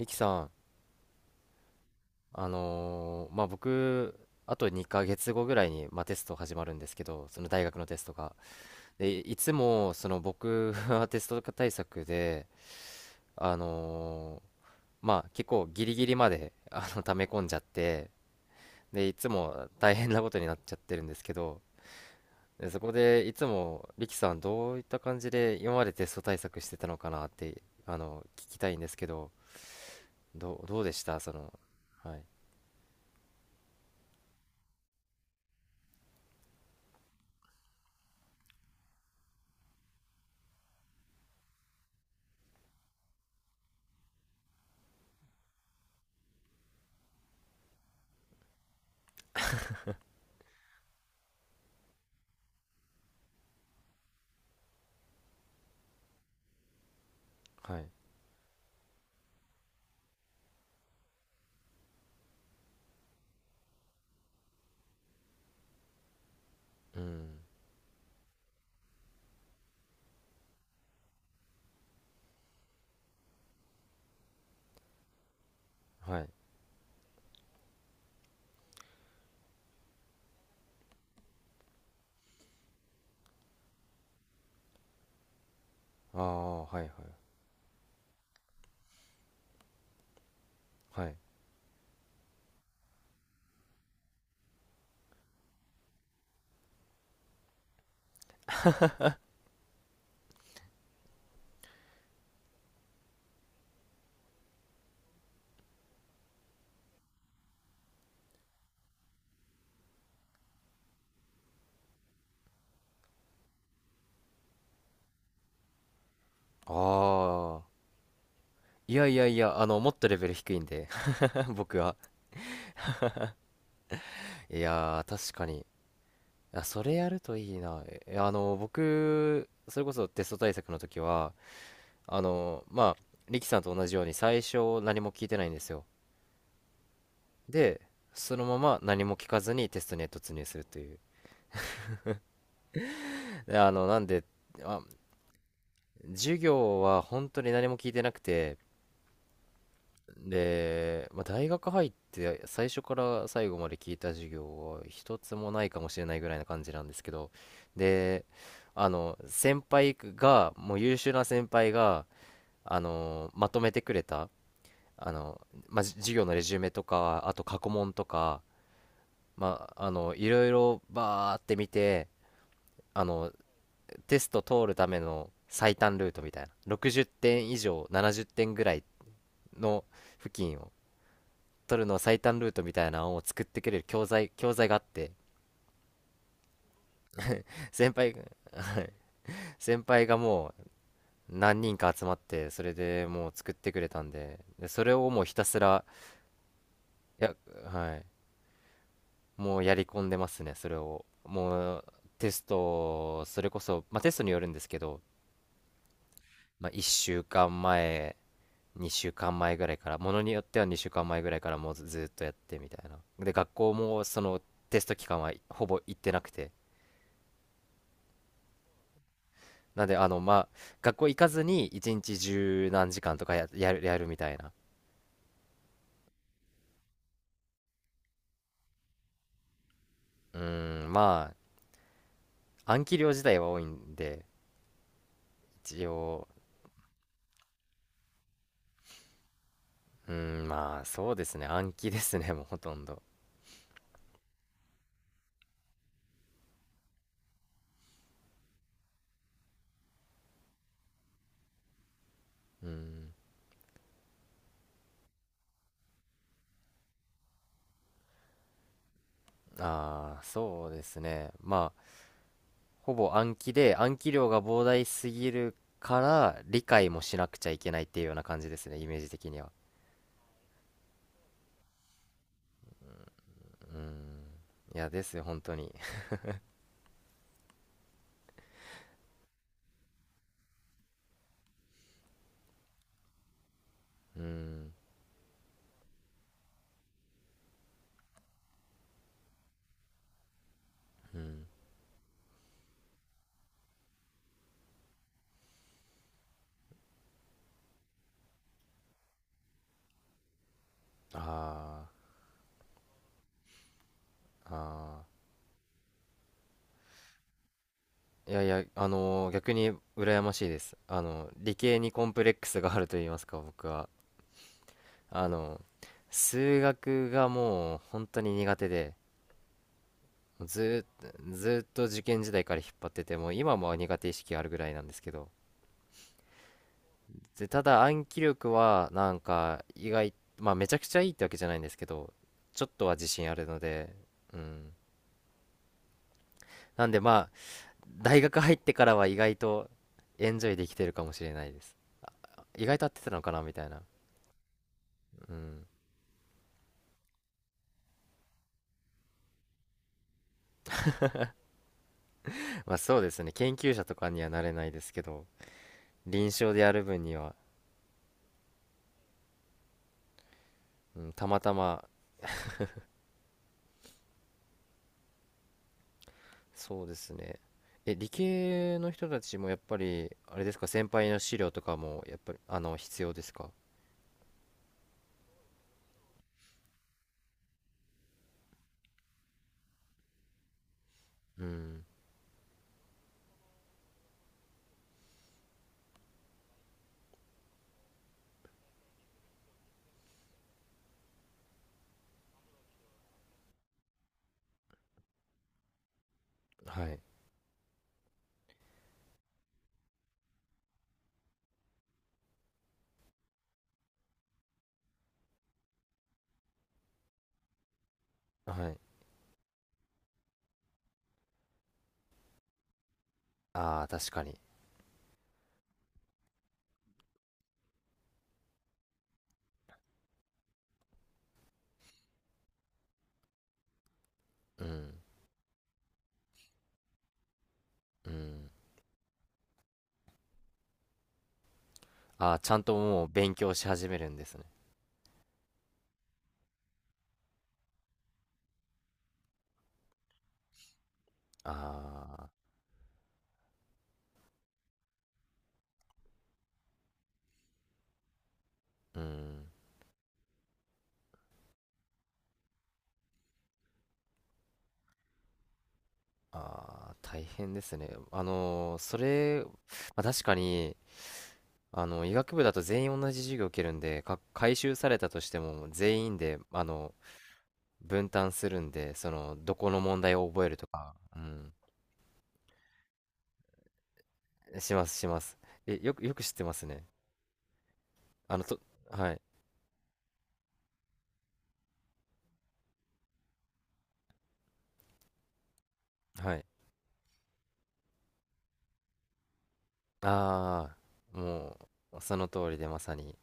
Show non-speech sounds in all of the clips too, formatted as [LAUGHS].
ミキさん、まあ、僕、あと2ヶ月後ぐらいに、まあ、テスト始まるんですけど、その大学のテストが。で、いつも、その僕は [LAUGHS] テスト対策で、あのーまあ、結構ギリギリまで、[LAUGHS] 溜め込んじゃって、で、いつも大変なことになっちゃってるんですけど、で、そこで、いつも、リキさん、どういった感じで今までテスト対策してたのかなって、聞きたいんですけど、どうでしたその、はい、はい、うん、はい。ああ、はいはい。はい。ああ。いやいやいや、もっとレベル低いんで、[LAUGHS] 僕は。いやー、確かに。いや、それやるといいな。えあの、僕、それこそテスト対策の時は、まあ、リキさんと同じように最初何も聞いてないんですよ。で、そのまま何も聞かずにテストに突入するという。で、なんで、あ、授業は本当に何も聞いてなくて、で、まあ、大学入って最初から最後まで聞いた授業は一つもないかもしれないぐらいな感じなんですけど。で、先輩がもう優秀な先輩がまとめてくれた。あの、まあ、授業のレジュメとかあと過去問とか、まあ、いろいろバーって見て、あのテスト通るための最短ルートみたいな、60点以上70点ぐらいの付近を取るの最短ルートみたいなのを作ってくれる教材があって、[LAUGHS] 先輩、先輩がもう何人か集まって、それでもう作ってくれたんで、でそれをもうひたすら、や、はい、もうやり込んでますね、それを。もうテスト、それこそ、まあ、テストによるんですけど、まあ、1週間前、2週間前ぐらいから、ものによっては2週間前ぐらいからもうずっとやってみたいな。で、学校もそのテスト期間はほぼ行ってなくて、なんで、まあ、学校行かずに一日十何時間とかやるみたいな。うーん、まあ、暗記量自体は多いんで、一応、うーん、まあ、そうですね、暗記ですね、[LAUGHS] もうほとんど。うーん、ああ、そうですね。まあ、ほぼ暗記で、暗記量が膨大すぎるから、理解もしなくちゃいけないっていうような感じですね、イメージ的には。うーん、いや、ですよ、本当に。[LAUGHS] うーん、うん、ああ、ああ。いやいや、逆に羨ましいです。理系にコンプレックスがあると言いますか、僕は。あの、数学がもう本当に苦手で、ずーっと、ずーっと受験時代から引っ張ってて、もう今も苦手意識あるぐらいなんですけど。で、ただ暗記力はなんか意外、まあ、めちゃくちゃいいってわけじゃないんですけど、ちょっとは自信あるので、うん。なんでまあ、大学入ってからは意外とエンジョイできてるかもしれないです。意外と合ってたのかなみたいな。うん。まあ、そうですね、研究者とかにはなれないですけど、臨床でやる分には、うん、たまたま。そうですね、理系の人たちもやっぱりあれですか？先輩の資料とかもやっぱり必要ですか？うん。はい、はい。ああ、確かに。うん、うん。ああ、ちゃんともう勉強し始めるんですね。ああ、うん。ああ、大変ですね。それ、まあ、確かに、医学部だと全員同じ授業を受けるんで、回収されたとしても全員で、分担するんで、どこの問題を覚えるとか、うん、します、します。よく知ってますね。あの、と、はい、はい。ああ、もう、その通りでまさに、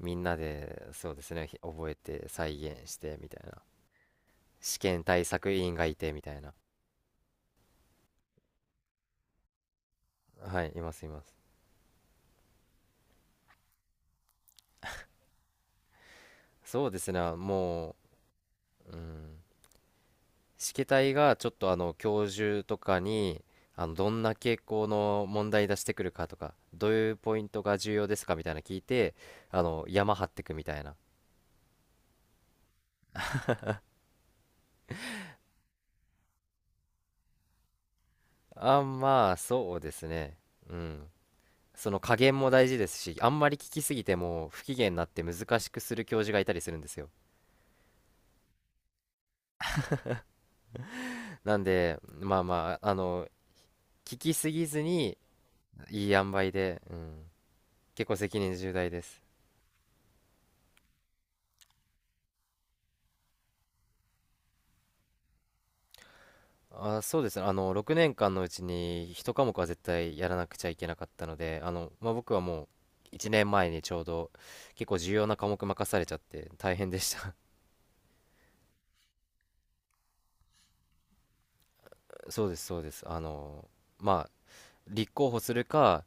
みんなで、そうですね、覚えて、再現して、みたいな。試験対策委員がいて、みたいな。はい、います、います。そうですね、もう、うん。試験体がちょっと教授とかにどんな傾向の問題出してくるかとか、どういうポイントが重要ですかみたいな聞いて、山張ってくみたいな。あ、まあ、そうですね。うん。その加減も大事ですし、あんまり聞きすぎても不機嫌になって難しくする教授がいたりするんですよ。なんで、まあまあ、聞きすぎずにいい塩梅で、うん、結構責任重大です。あ、そうですね。6年間のうちに1科目は絶対やらなくちゃいけなかったので、まあ、僕はもう1年前にちょうど結構重要な科目任されちゃって大変でした。[LAUGHS] そうです、そうです。まあ、立候補するか、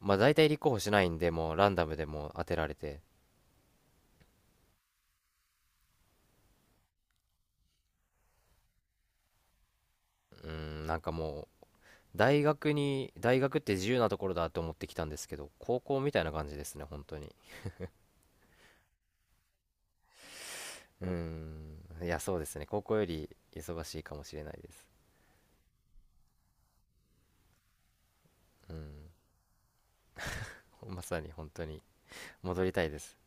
まあ、大体立候補しないんで、もうランダムでもう当てられて、うん、なんかもう、大学って自由なところだと思ってきたんですけど、高校みたいな感じですね、本当に。うん、いや、そうですね。高校より忙しいかもしれないです。うん。まさに本当に戻りたいです